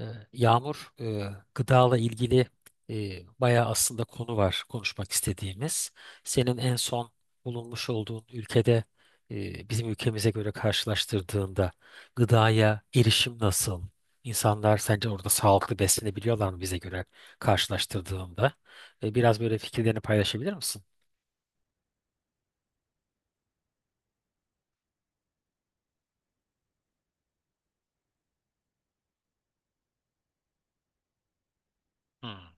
Ee, Yağmur, gıdala ilgili bayağı aslında konu var konuşmak istediğimiz. Senin en son bulunmuş olduğun ülkede bizim ülkemize göre karşılaştırdığında gıdaya erişim nasıl? İnsanlar sence orada sağlıklı beslenebiliyorlar mı bize göre karşılaştırdığında? Biraz böyle fikirlerini paylaşabilir misin? Hmm.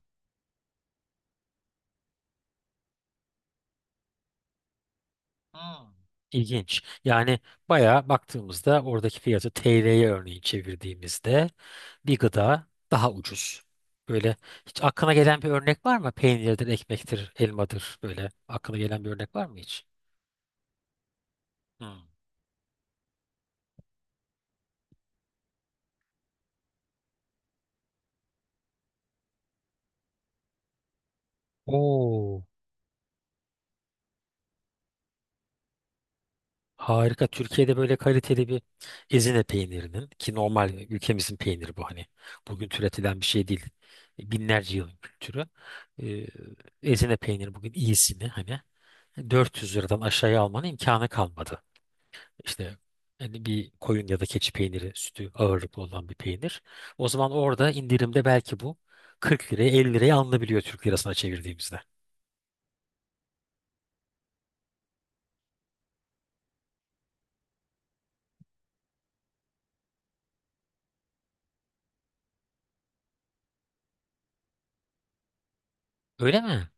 Hmm. İlginç. Yani bayağı baktığımızda oradaki fiyatı TL'ye örneğin çevirdiğimizde bir gıda daha ucuz. Böyle hiç aklına gelen bir örnek var mı? Peynirdir, ekmektir, elmadır, böyle aklına gelen bir örnek var mı hiç? Hmm. Oo, harika. Türkiye'de böyle kaliteli bir Ezine peynirinin, ki normal ülkemizin peyniri bu hani. Bugün türetilen bir şey değil. Binlerce yılın kültürü. Ee, Ezine peyniri bugün iyisini hani. 400 liradan aşağıya almanın imkanı kalmadı. İşte hani bir koyun ya da keçi peyniri sütü ağırlıklı olan bir peynir. O zaman orada indirimde belki bu 40 liraya, 50 liraya alınabiliyor Türk lirasına çevirdiğimizde. Öyle mi?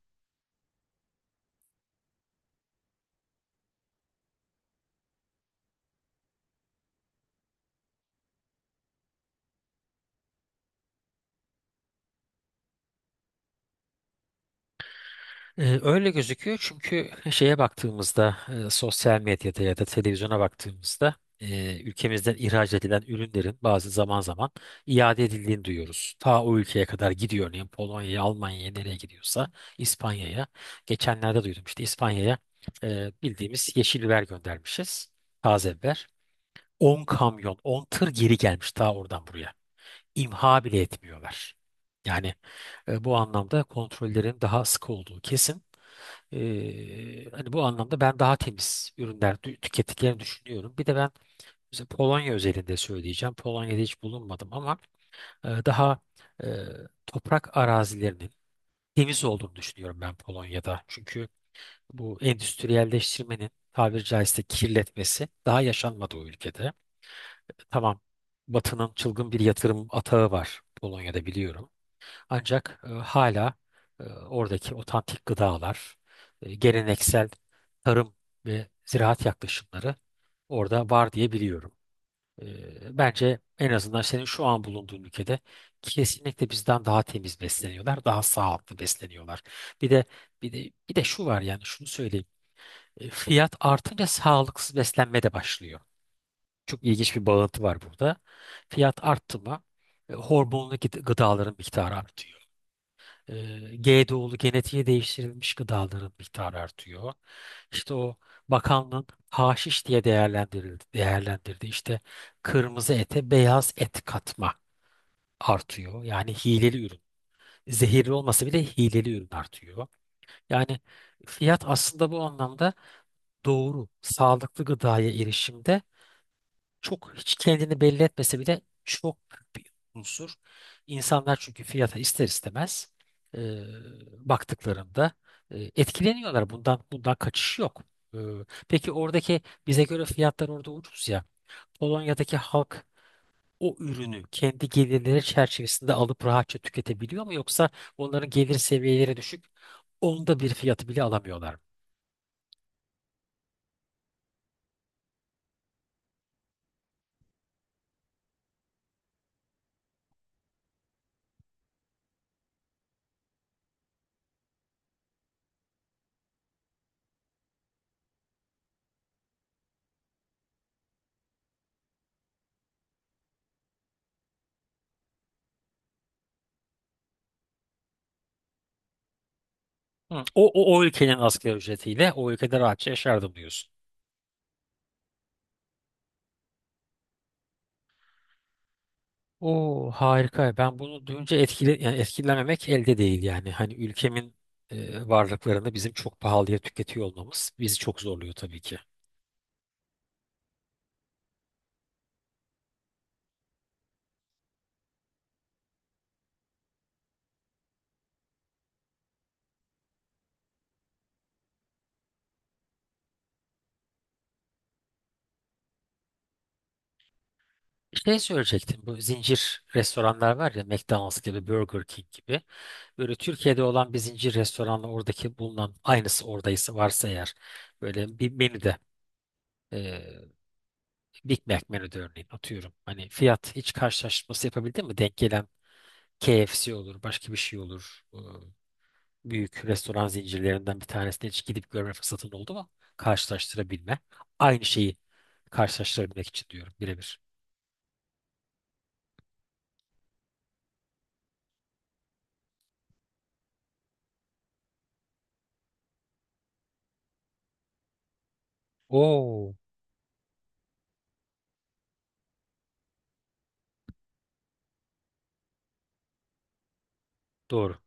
Öyle gözüküyor, çünkü şeye baktığımızda, sosyal medyada ya da televizyona baktığımızda, ülkemizden ihraç edilen ürünlerin bazı zaman zaman iade edildiğini duyuyoruz. Ta o ülkeye kadar gidiyor, örneğin Polonya'ya, Almanya'ya, nereye gidiyorsa İspanya'ya. Geçenlerde duydum işte, İspanya'ya bildiğimiz yeşil biber göndermişiz, taze biber. 10 kamyon, 10 tır geri gelmiş ta oradan buraya. İmha bile etmiyorlar. Yani bu anlamda kontrollerin daha sık olduğu kesin. Hani bu anlamda ben daha temiz ürünler tükettiklerini düşünüyorum. Bir de ben mesela Polonya özelinde söyleyeceğim. Polonya'da hiç bulunmadım ama daha e, toprak arazilerinin temiz olduğunu düşünüyorum ben Polonya'da. Çünkü bu endüstriyelleştirmenin tabiri caizse kirletmesi daha yaşanmadı o ülkede. Tamam, Batı'nın çılgın bir yatırım atağı var Polonya'da, biliyorum. Ancak hala oradaki otantik gıdalar, geleneksel tarım ve ziraat yaklaşımları orada var diye biliyorum. Bence en azından senin şu an bulunduğun ülkede kesinlikle bizden daha temiz besleniyorlar, daha sağlıklı besleniyorlar. Bir de bir de şu var, yani şunu söyleyeyim. Fiyat artınca sağlıksız beslenme de başlıyor. Çok ilginç bir bağıntı var burada. Fiyat arttı mı hormonlu gıdaların miktarı artıyor. GDO'lu, genetiğe değiştirilmiş gıdaların miktarı artıyor. İşte o bakanlığın haşiş diye değerlendirdi. İşte kırmızı ete beyaz et katma artıyor. Yani hileli ürün. Zehirli olmasa bile hileli ürün artıyor. Yani fiyat aslında bu anlamda doğru, sağlıklı gıdaya erişimde, çok hiç kendini belli etmese bile çok büyük bir unsur. İnsanlar çünkü fiyata ister istemez e, baktıklarında etkileniyorlar. Bundan kaçış yok. E, peki oradaki bize göre fiyatlar orada ucuz ya. Polonya'daki halk o ürünü kendi gelirleri çerçevesinde alıp rahatça tüketebiliyor mu, yoksa onların gelir seviyeleri düşük, onda bir fiyatı bile alamıyorlar mı? Hı. O ülkenin asgari ücretiyle o ülkede rahatça yaşardım diyorsun. O harika. Ben bunu duyunca yani etkilenmemek elde değil yani. Hani ülkemin varlıklarını bizim çok pahalıya tüketiyor olmamız bizi çok zorluyor tabii ki. Şey söyleyecektim, bu zincir restoranlar var ya, McDonald's gibi, Burger King gibi, böyle Türkiye'de olan bir zincir restoranla oradaki bulunan aynısı, oradaysa, varsa eğer, böyle bir menüde e, Big Mac menüde örneğin, atıyorum, hani fiyat hiç karşılaştırması yapabildin mi denk gelen? KFC olur, başka bir şey olur, büyük restoran zincirlerinden bir tanesine hiç gidip görme fırsatın oldu mu karşılaştırabilme, aynı şeyi karşılaştırabilmek için diyorum, birebir. Oo, doğru.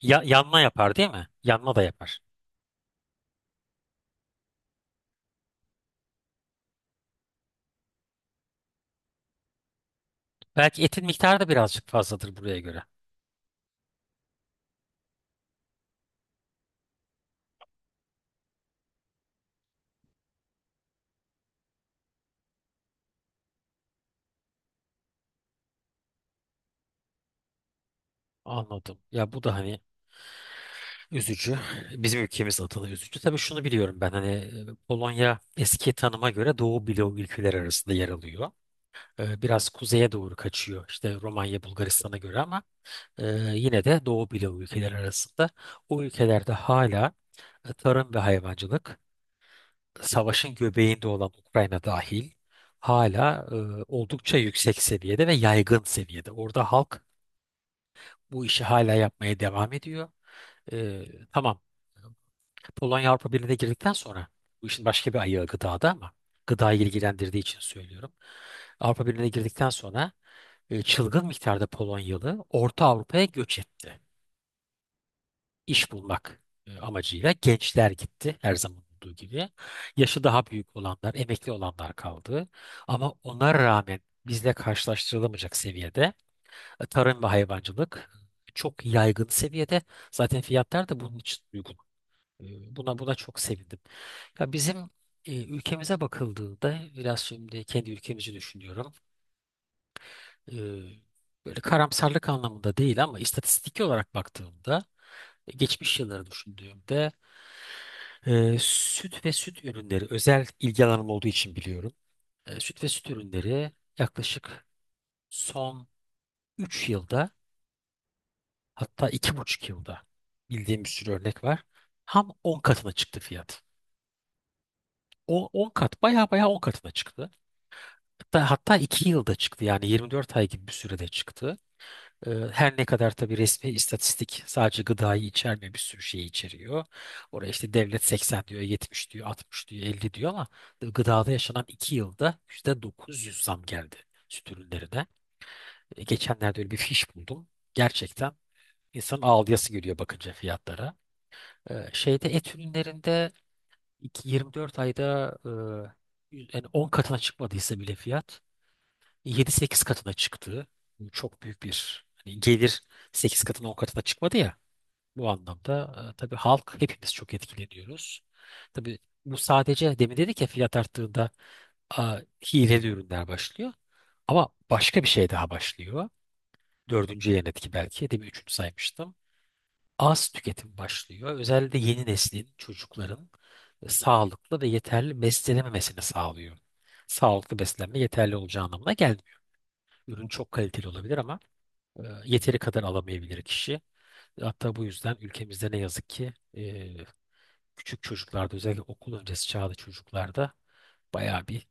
Ya, yanma yapar değil mi? Yanma da yapar. Belki etin miktarı da birazcık fazladır buraya göre. Anladım. Ya bu da hani üzücü. Bizim ülkemiz adına üzücü. Tabii şunu biliyorum ben, hani Polonya eski tanıma göre Doğu bloğu ülkeler arasında yer alıyor. Biraz kuzeye doğru kaçıyor işte Romanya, Bulgaristan'a göre, ama e, yine de Doğu bloğu ülkeler arasında. O ülkelerde hala tarım ve hayvancılık, savaşın göbeğinde olan Ukrayna dahil, hala oldukça yüksek seviyede ve yaygın seviyede. Orada halk bu işi hala yapmaya devam ediyor. E, tamam. Polonya Avrupa Birliği'ne girdikten sonra, bu işin başka bir ayağı gıdada ama gıdayı ilgilendirdiği için söylüyorum. Avrupa Birliği'ne girdikten sonra çılgın miktarda Polonyalı Orta Avrupa'ya göç etti. İş bulmak amacıyla gençler gitti, her zaman olduğu gibi. Yaşı daha büyük olanlar, emekli olanlar kaldı. Ama ona rağmen bizle karşılaştırılamayacak seviyede tarım ve hayvancılık çok yaygın seviyede. Zaten fiyatlar da bunun için uygun. Buna çok sevindim. Ya bizim ülkemize bakıldığında, biraz şimdi kendi ülkemizi düşünüyorum. E, Böyle karamsarlık anlamında değil ama istatistik olarak baktığımda, geçmiş yılları düşündüğümde, süt ve süt ürünleri özel ilgi alanım olduğu için biliyorum. Süt ve süt ürünleri yaklaşık son 3 yılda, hatta iki buçuk yılda, bildiğim bir sürü örnek var. Ham 10 katına çıktı fiyat. O 10 kat, baya baya 10 katına çıktı. Hatta 2 yılda çıktı yani, 24 ay gibi bir sürede çıktı. Her ne kadar tabii resmi istatistik sadece gıdayı içermiyor, bir sürü şeyi içeriyor. Oraya işte devlet 80 diyor, 70 diyor, 60 diyor, 50 diyor, ama gıdada yaşanan 2 yılda %900 zam geldi süt ürünlerine. Geçenlerde öyle bir fiş buldum. Gerçekten insanın ağlayası geliyor bakınca fiyatlara. Şeyde, et ürünlerinde, 24 ayda yani 10 katına çıkmadıysa bile fiyat, yedi sekiz katına çıktı. Bu çok büyük bir, hani gelir 8 katına, 10 katına çıkmadı ya. Bu anlamda tabii halk, hepimiz çok etkileniyoruz. Tabii bu sadece, demin dedik ya, fiyat arttığında e, hileli ürünler başlıyor. Ama başka bir şey daha başlıyor. Dördüncü yan etki belki. Demin üçüncü saymıştım. Az tüketim başlıyor. Özellikle yeni neslin, çocukların sağlıklı ve yeterli beslenememesini sağlıyor. Sağlıklı beslenme yeterli olacağı anlamına gelmiyor. Ürün çok kaliteli olabilir ama yeteri kadar alamayabilir kişi. Hatta bu yüzden ülkemizde ne yazık ki küçük çocuklarda, özellikle okul öncesi çağda çocuklarda, bayağı bir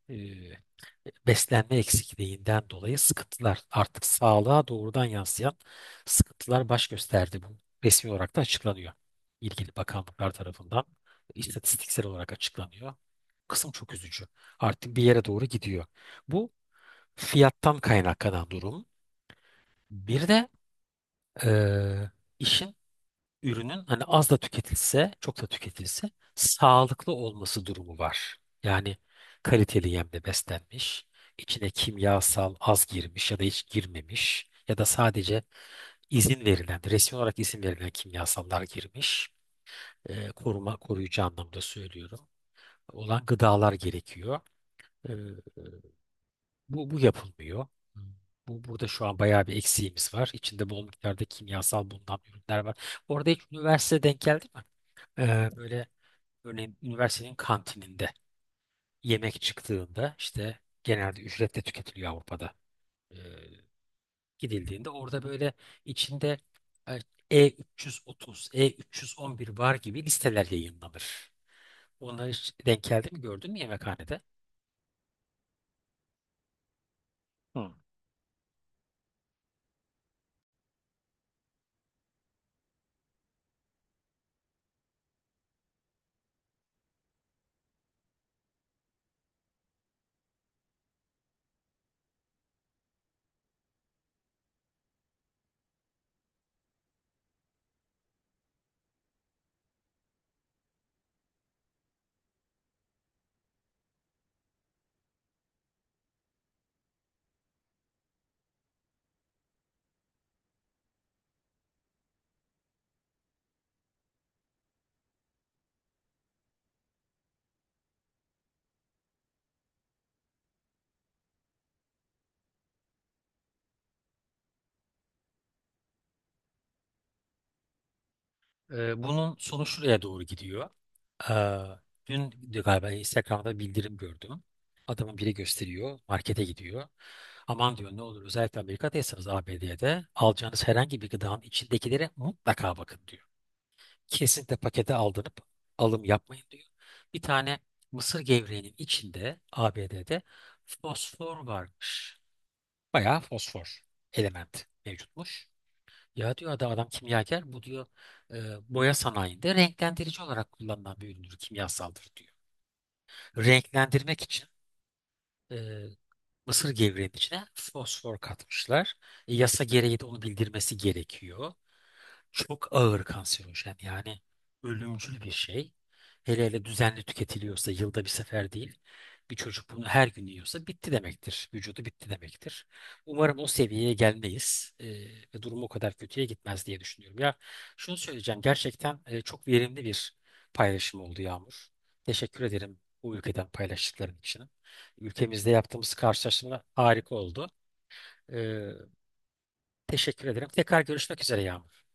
beslenme eksikliğinden dolayı sıkıntılar, artık sağlığa doğrudan yansıyan sıkıntılar baş gösterdi. Bu resmi olarak da açıklanıyor. İlgili bakanlıklar tarafından istatistiksel olarak açıklanıyor. Kısım çok üzücü. Artık bir yere doğru gidiyor. Bu fiyattan kaynaklanan durum. Bir de e, işin, ürünün, hani az da tüketilse, çok da tüketilse sağlıklı olması durumu var. Yani kaliteli yemle beslenmiş, içine kimyasal az girmiş ya da hiç girmemiş ya da sadece izin verilen, resmi olarak izin verilen kimyasallar girmiş. Koruma, koruyucu anlamda söylüyorum. Olan gıdalar gerekiyor. Ee, bu yapılmıyor. Hmm. Burada şu an bayağı bir eksiğimiz var. İçinde bol miktarda kimyasal bulunan ürünler var. Orada hiç üniversite denk geldi mi? Böyle, örneğin üniversitenin kantininde yemek çıktığında, işte genelde ücretle tüketiliyor Avrupa'da. Ee, Gidildiğinde orada böyle içinde e, E330, E311 var gibi listeler yayınlanır. Onları hiç denk geldi mi, gördün mü yemekhanede? Hı. Bunun sonu şuraya doğru gidiyor. Ee, Dün galiba Instagram'da bildirim gördüm. Adamın biri gösteriyor, markete gidiyor. Aman diyor, ne olur özellikle Amerika'daysanız, ABD'de de alacağınız herhangi bir gıdanın içindekilere mutlaka bakın diyor. Kesinlikle pakete aldanıp alım yapmayın diyor. Bir tane mısır gevreğinin içinde ABD'de fosfor varmış. Bayağı fosfor element mevcutmuş. Ya diyor adam, adam kimyager bu diyor, e, boya sanayinde renklendirici olarak kullanılan bir üründür, kimyasaldır diyor. Renklendirmek için e, mısır gevreğine fosfor katmışlar. Yasa gereği de onu bildirmesi gerekiyor. Çok ağır kanserojen, yani ölümcül bir şey. Hele hele düzenli tüketiliyorsa, yılda bir sefer değil. Bir çocuk bunu her gün yiyorsa bitti demektir. Vücudu bitti demektir. Umarım o seviyeye gelmeyiz ve durum o kadar kötüye gitmez diye düşünüyorum. Ya şunu söyleyeceğim, gerçekten çok verimli bir paylaşım oldu Yağmur. Teşekkür ederim bu ülkeden paylaştıkların için. Ülkemizde yaptığımız karşılaşma harika oldu. Ee, teşekkür ederim. Tekrar görüşmek üzere Yağmur.